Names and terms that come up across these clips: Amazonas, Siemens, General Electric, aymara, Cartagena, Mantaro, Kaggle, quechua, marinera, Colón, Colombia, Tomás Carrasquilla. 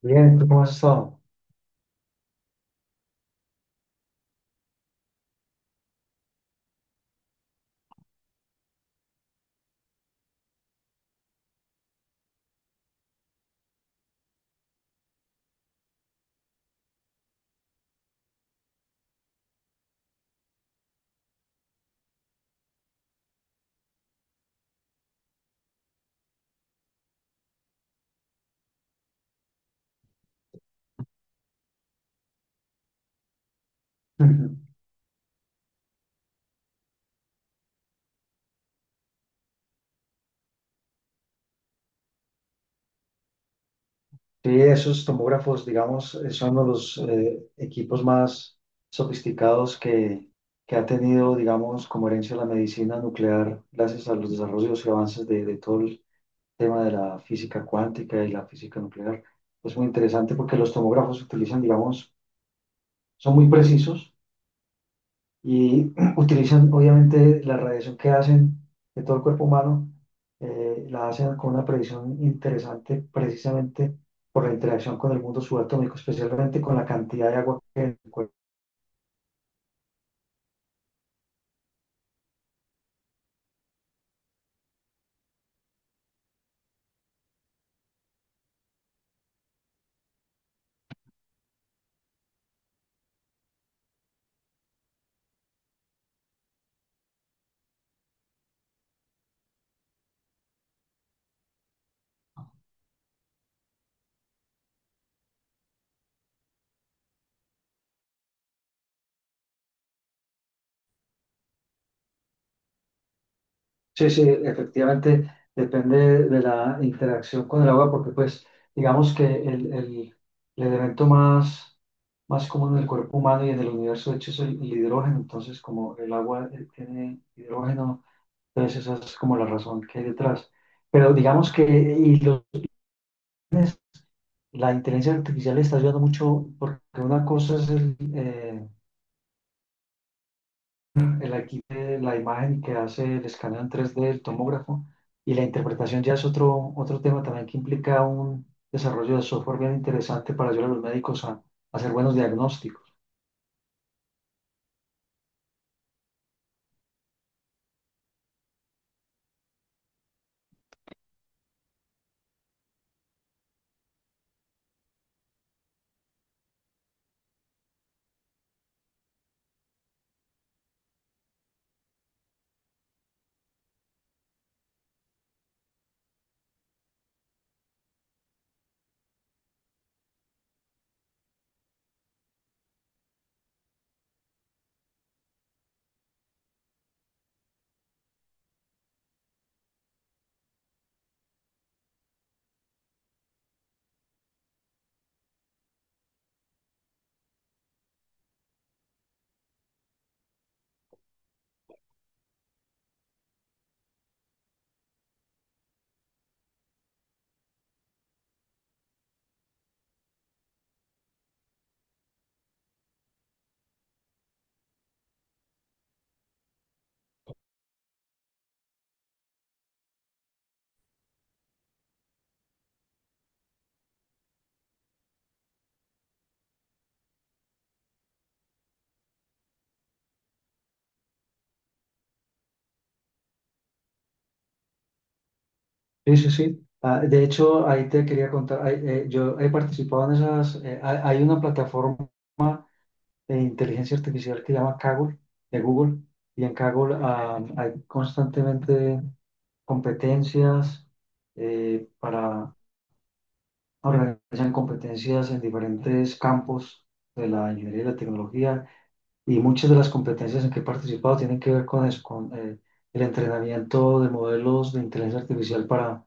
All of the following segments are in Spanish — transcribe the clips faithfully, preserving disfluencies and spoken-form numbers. Bien, ¿tú cómo has estado? Sí, esos tomógrafos, digamos, eh, son uno de los eh, equipos más sofisticados que, que ha tenido, digamos, como herencia la medicina nuclear, gracias a los desarrollos y avances de, de todo el tema de la física cuántica y la física nuclear. Es muy interesante porque los tomógrafos se utilizan, digamos, son muy precisos. Y utilizan obviamente la radiación que hacen de todo el cuerpo humano, eh, la hacen con una precisión interesante precisamente por la interacción con el mundo subatómico, especialmente con la cantidad de agua que hay en el cuerpo. Sí, sí, efectivamente depende de la interacción con el agua porque pues digamos que el, el- el elemento más... más común en el cuerpo humano y en el universo, de hecho, es el, el hidrógeno. Entonces, como el agua eh, tiene hidrógeno, entonces esa es como la razón que hay detrás. Pero digamos que y lo- la inteligencia artificial le está ayudando mucho porque una cosa es el, eh, el aquí de la imagen que hace el escaneo en tres D, el tomógrafo, y la interpretación ya es otro, otro tema también que implica un desarrollo de software bien interesante para ayudar a los médicos a, a hacer buenos diagnósticos. Sí, sí, sí. Ah, de hecho, ahí te quería contar, ahí, eh, yo he participado en esas, eh, hay hay una plataforma de inteligencia artificial que llama Kaggle, de Google, y en Kaggle ah, hay constantemente competencias eh, para organizar competencias en diferentes campos de la ingeniería y la tecnología, y muchas de las competencias en que he participado tienen que ver con eso, con eh, el entrenamiento de modelos de inteligencia artificial para,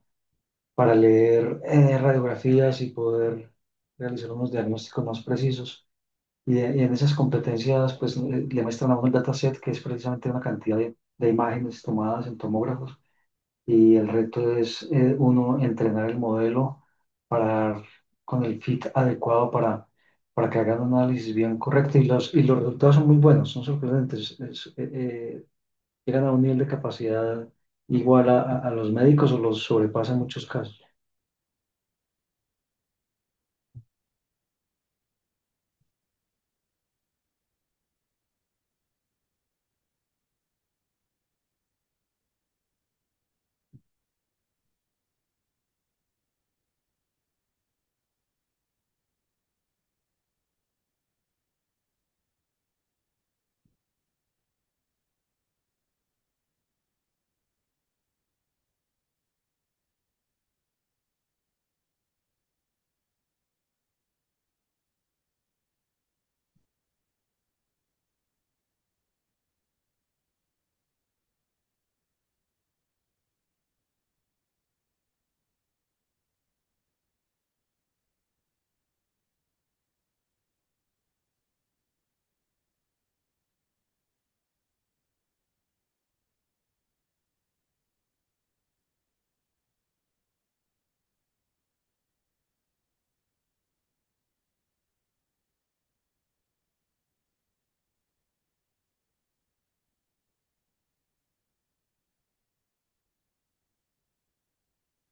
para leer eh, radiografías y poder realizar unos diagnósticos más precisos. Y, de- y en esas competencias, pues le le muestran a uno el dataset, que es precisamente una cantidad de, de imágenes tomadas en tomógrafos. Y el reto es eh, uno entrenar el modelo para dar con el fit adecuado para, para que hagan un análisis bien correcto. Y los, y los resultados son muy buenos, son sorprendentes. Es- eh, eh, llegan a un nivel de capacidad igual a, a- a los médicos o los sobrepasan en muchos casos.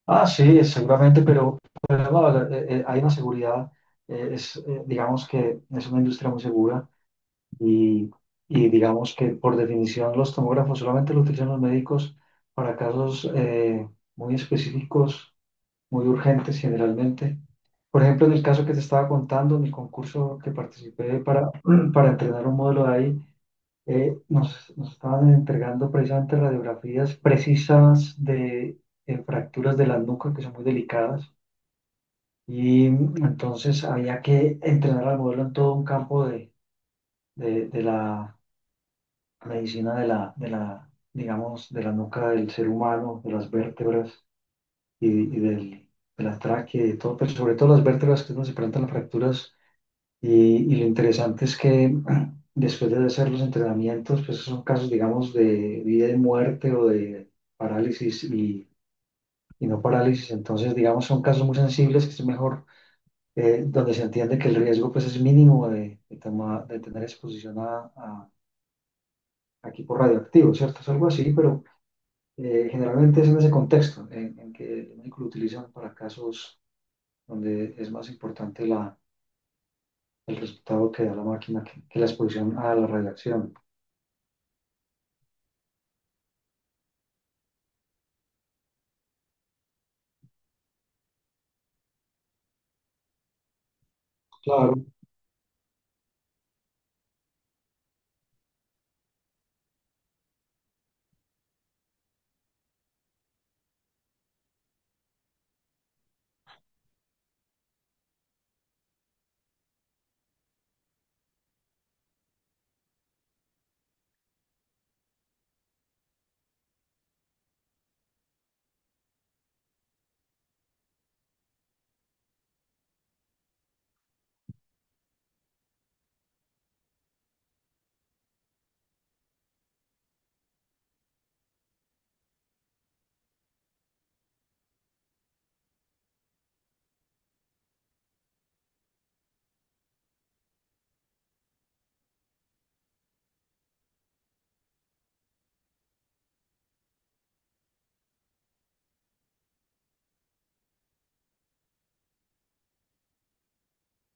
Ah, sí, seguramente, pero, pero no, eh, eh, hay una seguridad, eh, es, eh, digamos que es una industria muy segura y, y digamos que por definición los tomógrafos solamente lo utilizan los médicos para casos eh, muy específicos, muy urgentes generalmente. Por ejemplo, en el caso que te estaba contando, en el concurso que participé para, para entrenar un modelo de ahí, eh, nos, nos estaban entregando precisamente radiografías precisas de eh, fracturas de la nuca que son muy delicadas y entonces había que entrenar al modelo en todo un campo de, de, de la medicina de la, de la, digamos, de la nuca del ser humano, de las vértebras y, y del, de la tráquea y de todo, pero sobre todo las vértebras que es donde se presentan las fracturas. Y, y lo interesante es que después de hacer los entrenamientos, pues son casos, digamos, de vida y muerte o de parálisis y, y no parálisis. Entonces, digamos, son casos muy sensibles que es mejor, eh, donde se entiende que el riesgo pues es mínimo de, de, toma- de tener exposición a, a, a equipos radioactivos, ¿cierto? Es algo así, pero eh, generalmente es en ese contexto en, en que el médico lo utilizan para casos donde es más importante la, el resultado que da la máquina que, que la exposición a la radiación. Claro.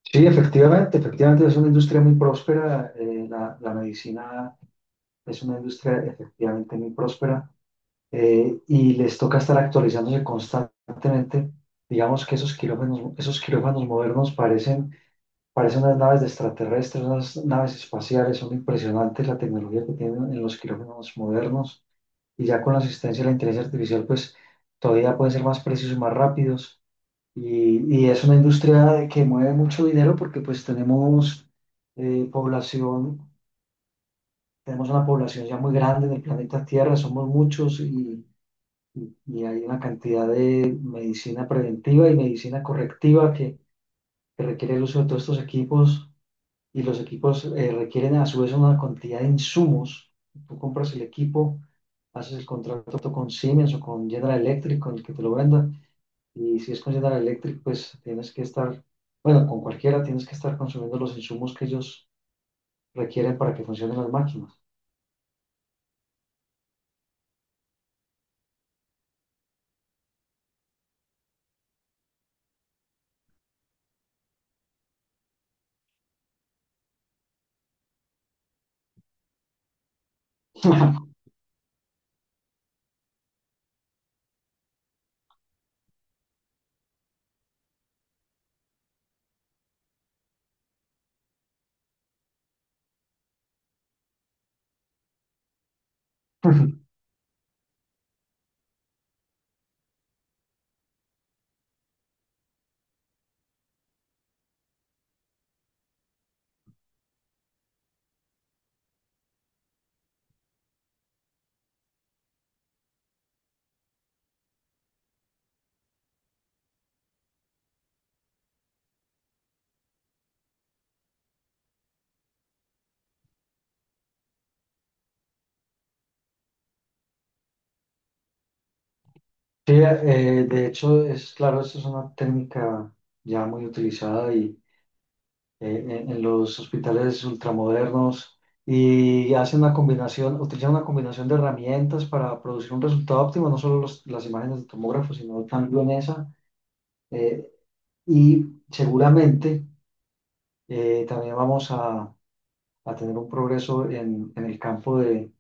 Sí, efectivamente, efectivamente es una industria muy próspera. eh, la, la medicina es una industria efectivamente muy próspera, eh, y les toca estar actualizándose constantemente. Digamos que esos quirófanos, esos quirófanos modernos parecen, parecen unas naves de extraterrestres, unas naves espaciales. Son impresionantes la tecnología que tienen en los quirófanos modernos y ya con la asistencia de la inteligencia artificial, pues todavía pueden ser más precisos y más rápidos. Y, y es una industria que mueve mucho dinero porque pues tenemos eh, población, tenemos una población ya muy grande en el planeta Tierra, somos muchos y, y- y hay una cantidad de medicina preventiva y medicina correctiva que, que requiere el uso de todos estos equipos y los equipos eh, requieren a su vez una cantidad de insumos. Tú compras el equipo, haces el contrato con Siemens o con General Electric, con el que te lo venda y si es con General Electric, pues tienes que estar, bueno, con cualquiera tienes que estar consumiendo los insumos que ellos requieren para que funcionen las máquinas. Sí, eh, de hecho, es claro, eso es una técnica ya muy utilizada y eh, en, en los hospitales ultramodernos y hacen una combinación, utilizan una combinación de herramientas para producir un resultado óptimo, no solo los- las imágenes de tomógrafo, sino también esa. eh, y seguramente eh, también vamos a a tener un progreso en, en el campo de,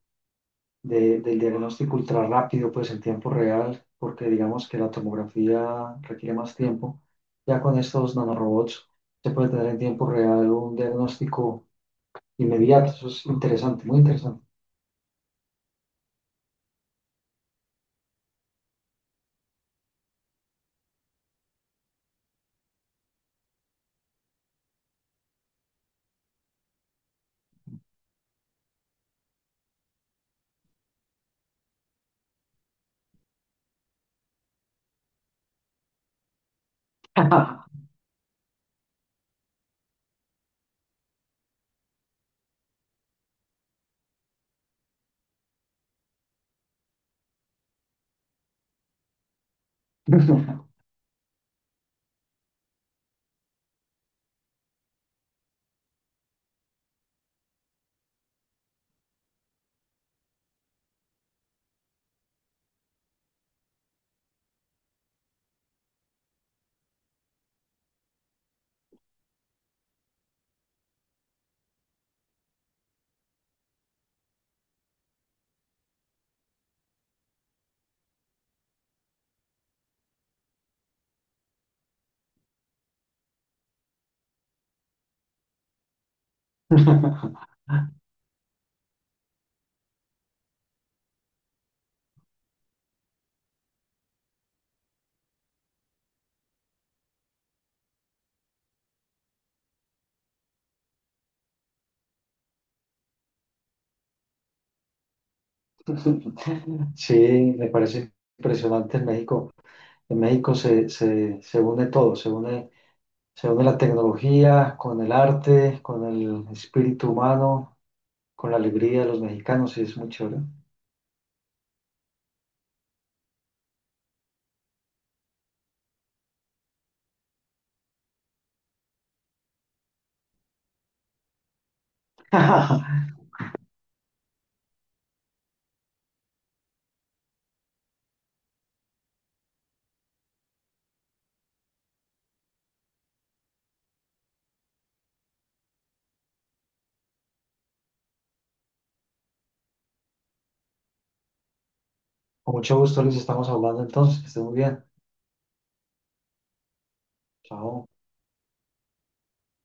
de- del diagnóstico ultra rápido, pues en tiempo real, porque digamos que la tomografía requiere más tiempo. Ya con estos nanorobots se puede tener en tiempo real un diagnóstico inmediato. Eso es interesante, muy interesante. Sí, me parece impresionante en México. En México se, se, se une todo, se une, se une la tecnología con el arte, con el espíritu humano, con la alegría de los mexicanos y es muy chévere. Con mucho gusto, Luis, estamos hablando entonces, que esté muy bien. Chao.